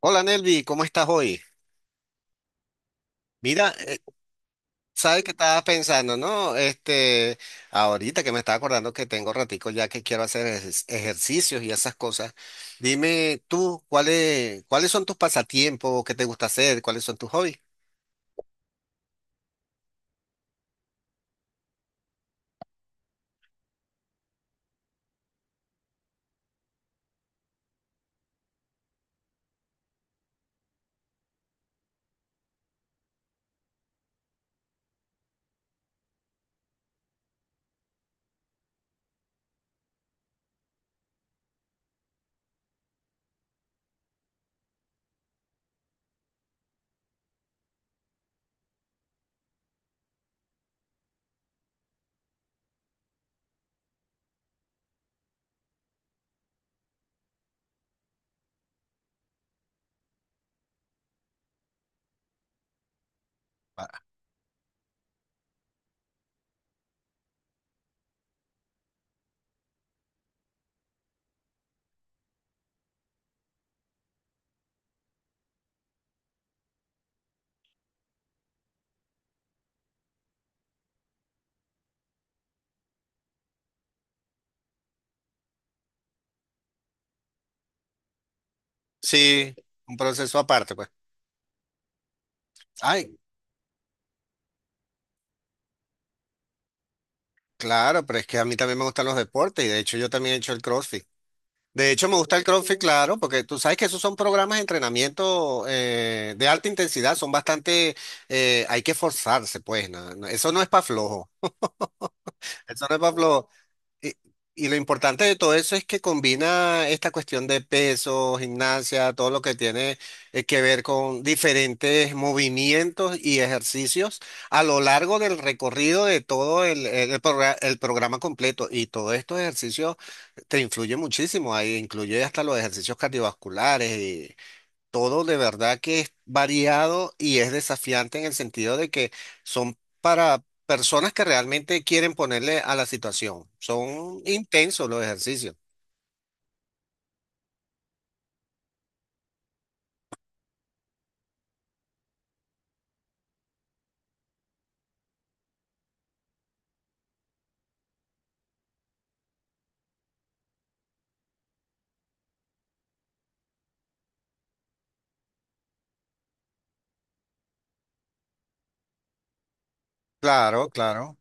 Hola Nelvi, ¿cómo estás hoy? Mira, sabes que estaba pensando, ¿no? Este, ahorita que me estaba acordando que tengo ratico ya que quiero hacer ejercicios y esas cosas. Dime tú, ¿ cuáles son tus pasatiempos? ¿Qué te gusta hacer? ¿Cuáles son tus hobbies? Ah, sí, un proceso aparte, pues. Ay, claro, pero es que a mí también me gustan los deportes y de hecho yo también he hecho el CrossFit. De hecho, me gusta el CrossFit, claro, porque tú sabes que esos son programas de entrenamiento de alta intensidad, son bastante, hay que forzarse, pues, eso no es para flojo. Entonces, Pablo, y, y lo importante de todo eso es que combina esta cuestión de peso, gimnasia, todo lo que tiene que ver con diferentes movimientos y ejercicios a lo largo del recorrido de todo el programa completo. Y todos estos ejercicios te influyen muchísimo, ahí incluye hasta los ejercicios cardiovasculares, todo de verdad que es variado y es desafiante en el sentido de que son para personas que realmente quieren ponerle a la situación. Son intensos los ejercicios. Claro, claro.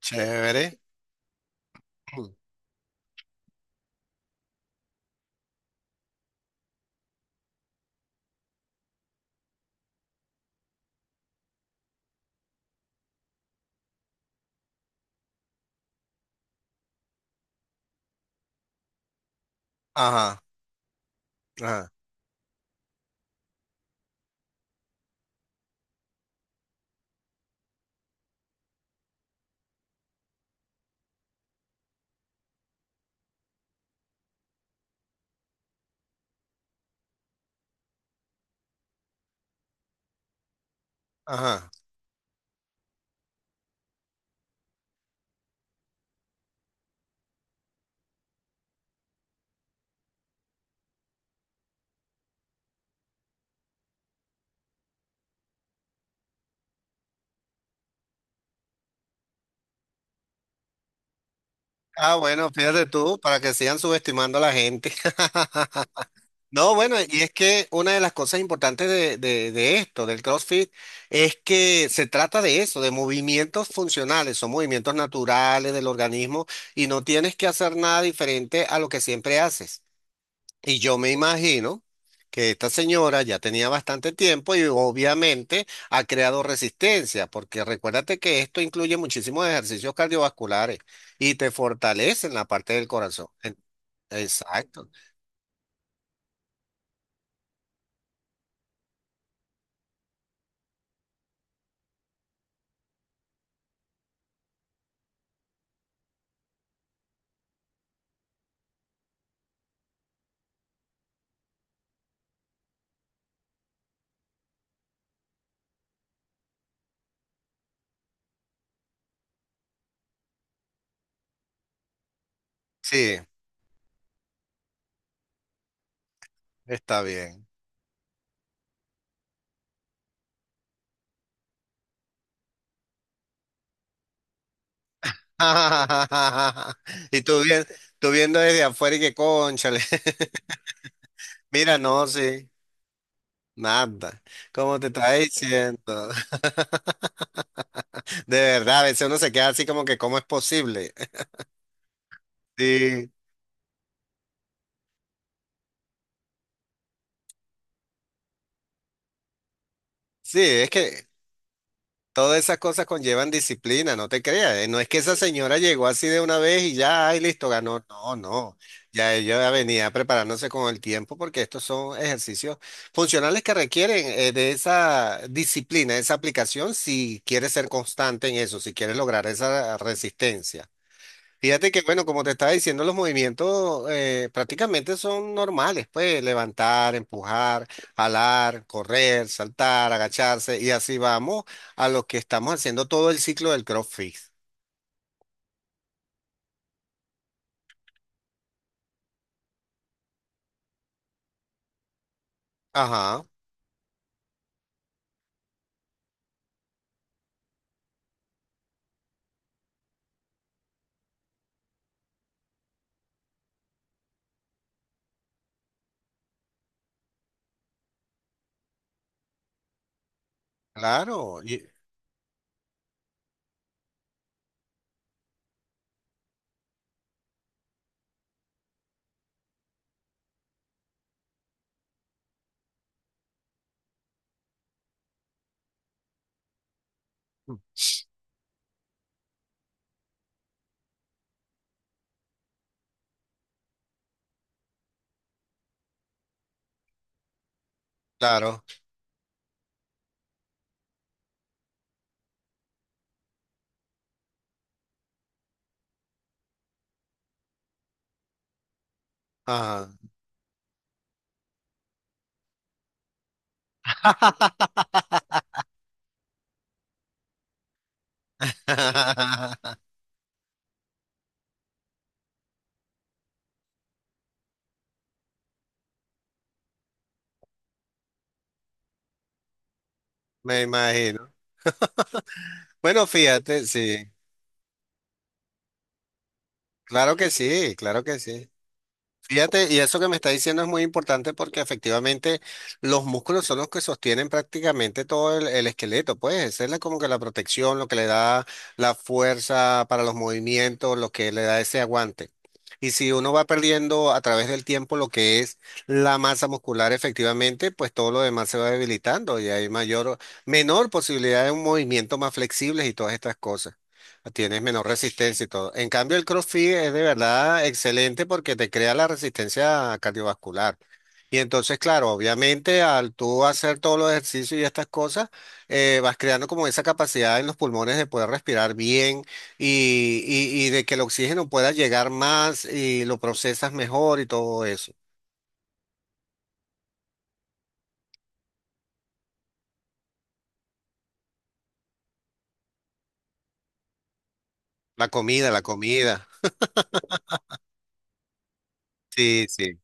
Chévere. Ajá, ajá, ajá. Ah, bueno, fíjate tú, para que sigan subestimando a la gente. No, bueno, y es que una de las cosas importantes de esto, del CrossFit, es que se trata de eso, de movimientos funcionales, son movimientos naturales del organismo y no tienes que hacer nada diferente a lo que siempre haces. Y yo me imagino que esta señora ya tenía bastante tiempo y obviamente ha creado resistencia, porque recuérdate que esto incluye muchísimos ejercicios cardiovasculares y te fortalecen la parte del corazón. En... Exacto. Sí, está bien. Y tú, bien, tú viendo desde afuera y que cónchale. Mira, no, sí, nada. Como te estaba diciendo. De verdad, a veces uno se queda así como que, ¿cómo es posible? Sí, sí, es que todas esas cosas conllevan disciplina, no te creas. No es que esa señora llegó así de una vez y ya, ay, listo, ganó. No, no. Ya ella venía preparándose con el tiempo porque estos son ejercicios funcionales que requieren de esa disciplina, esa aplicación, si quieres ser constante en eso, si quieres lograr esa resistencia. Fíjate que, bueno, como te estaba diciendo, los movimientos prácticamente son normales, pues levantar, empujar, jalar, correr, saltar, agacharse, y así vamos a lo que estamos haciendo todo el ciclo del CrossFit. Ajá, claro, y... claro, ajá. Me imagino. Bueno, fíjate, sí, claro que sí, claro que sí. Fíjate, y eso que me está diciendo es muy importante porque efectivamente los músculos son los que sostienen prácticamente todo el esqueleto, pues esa es como que la protección, lo que le da la fuerza para los movimientos, lo que le da ese aguante. Y si uno va perdiendo a través del tiempo lo que es la masa muscular, efectivamente, pues todo lo demás se va debilitando y hay mayor, menor posibilidad de un movimiento más flexibles y todas estas cosas. Tienes menor resistencia y todo. En cambio, el CrossFit es de verdad excelente porque te crea la resistencia cardiovascular. Y entonces, claro, obviamente al tú hacer todos los ejercicios y estas cosas, vas creando como esa capacidad en los pulmones de poder respirar bien y de que el oxígeno pueda llegar más y lo procesas mejor y todo eso. La comida, la comida. Sí, sí.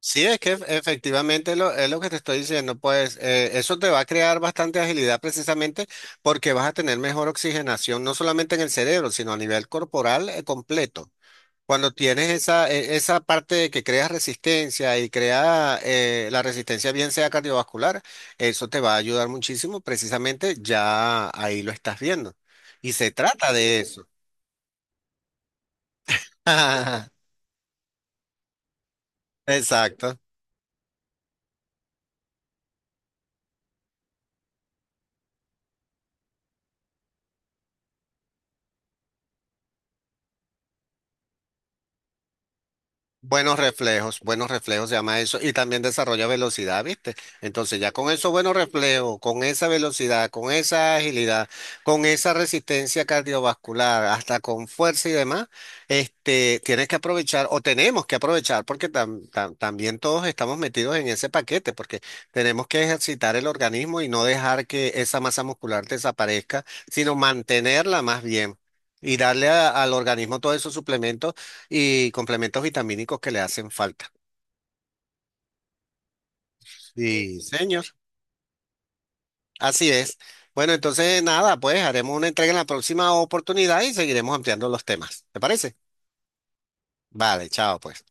Sí, es que efectivamente es lo que te estoy diciendo, pues eso te va a crear bastante agilidad precisamente porque vas a tener mejor oxigenación, no solamente en el cerebro, sino a nivel corporal completo. Cuando tienes esa, esa parte de que creas resistencia y crea la resistencia bien sea cardiovascular, eso te va a ayudar muchísimo, precisamente ya ahí lo estás viendo. Y se trata de eso. Exacto. Buenos reflejos se llama eso, y también desarrolla velocidad, ¿viste? Entonces ya con esos buenos reflejos, con esa velocidad, con esa agilidad, con esa resistencia cardiovascular, hasta con fuerza y demás, este, tienes que aprovechar, o tenemos que aprovechar, porque también todos estamos metidos en ese paquete, porque tenemos que ejercitar el organismo y no dejar que esa masa muscular desaparezca, sino mantenerla más bien. Y darle al organismo todos esos suplementos y complementos vitamínicos que le hacen falta. Sí, señor. Así es. Bueno, entonces nada, pues haremos una entrega en la próxima oportunidad y seguiremos ampliando los temas. ¿Te parece? Vale, chao, pues.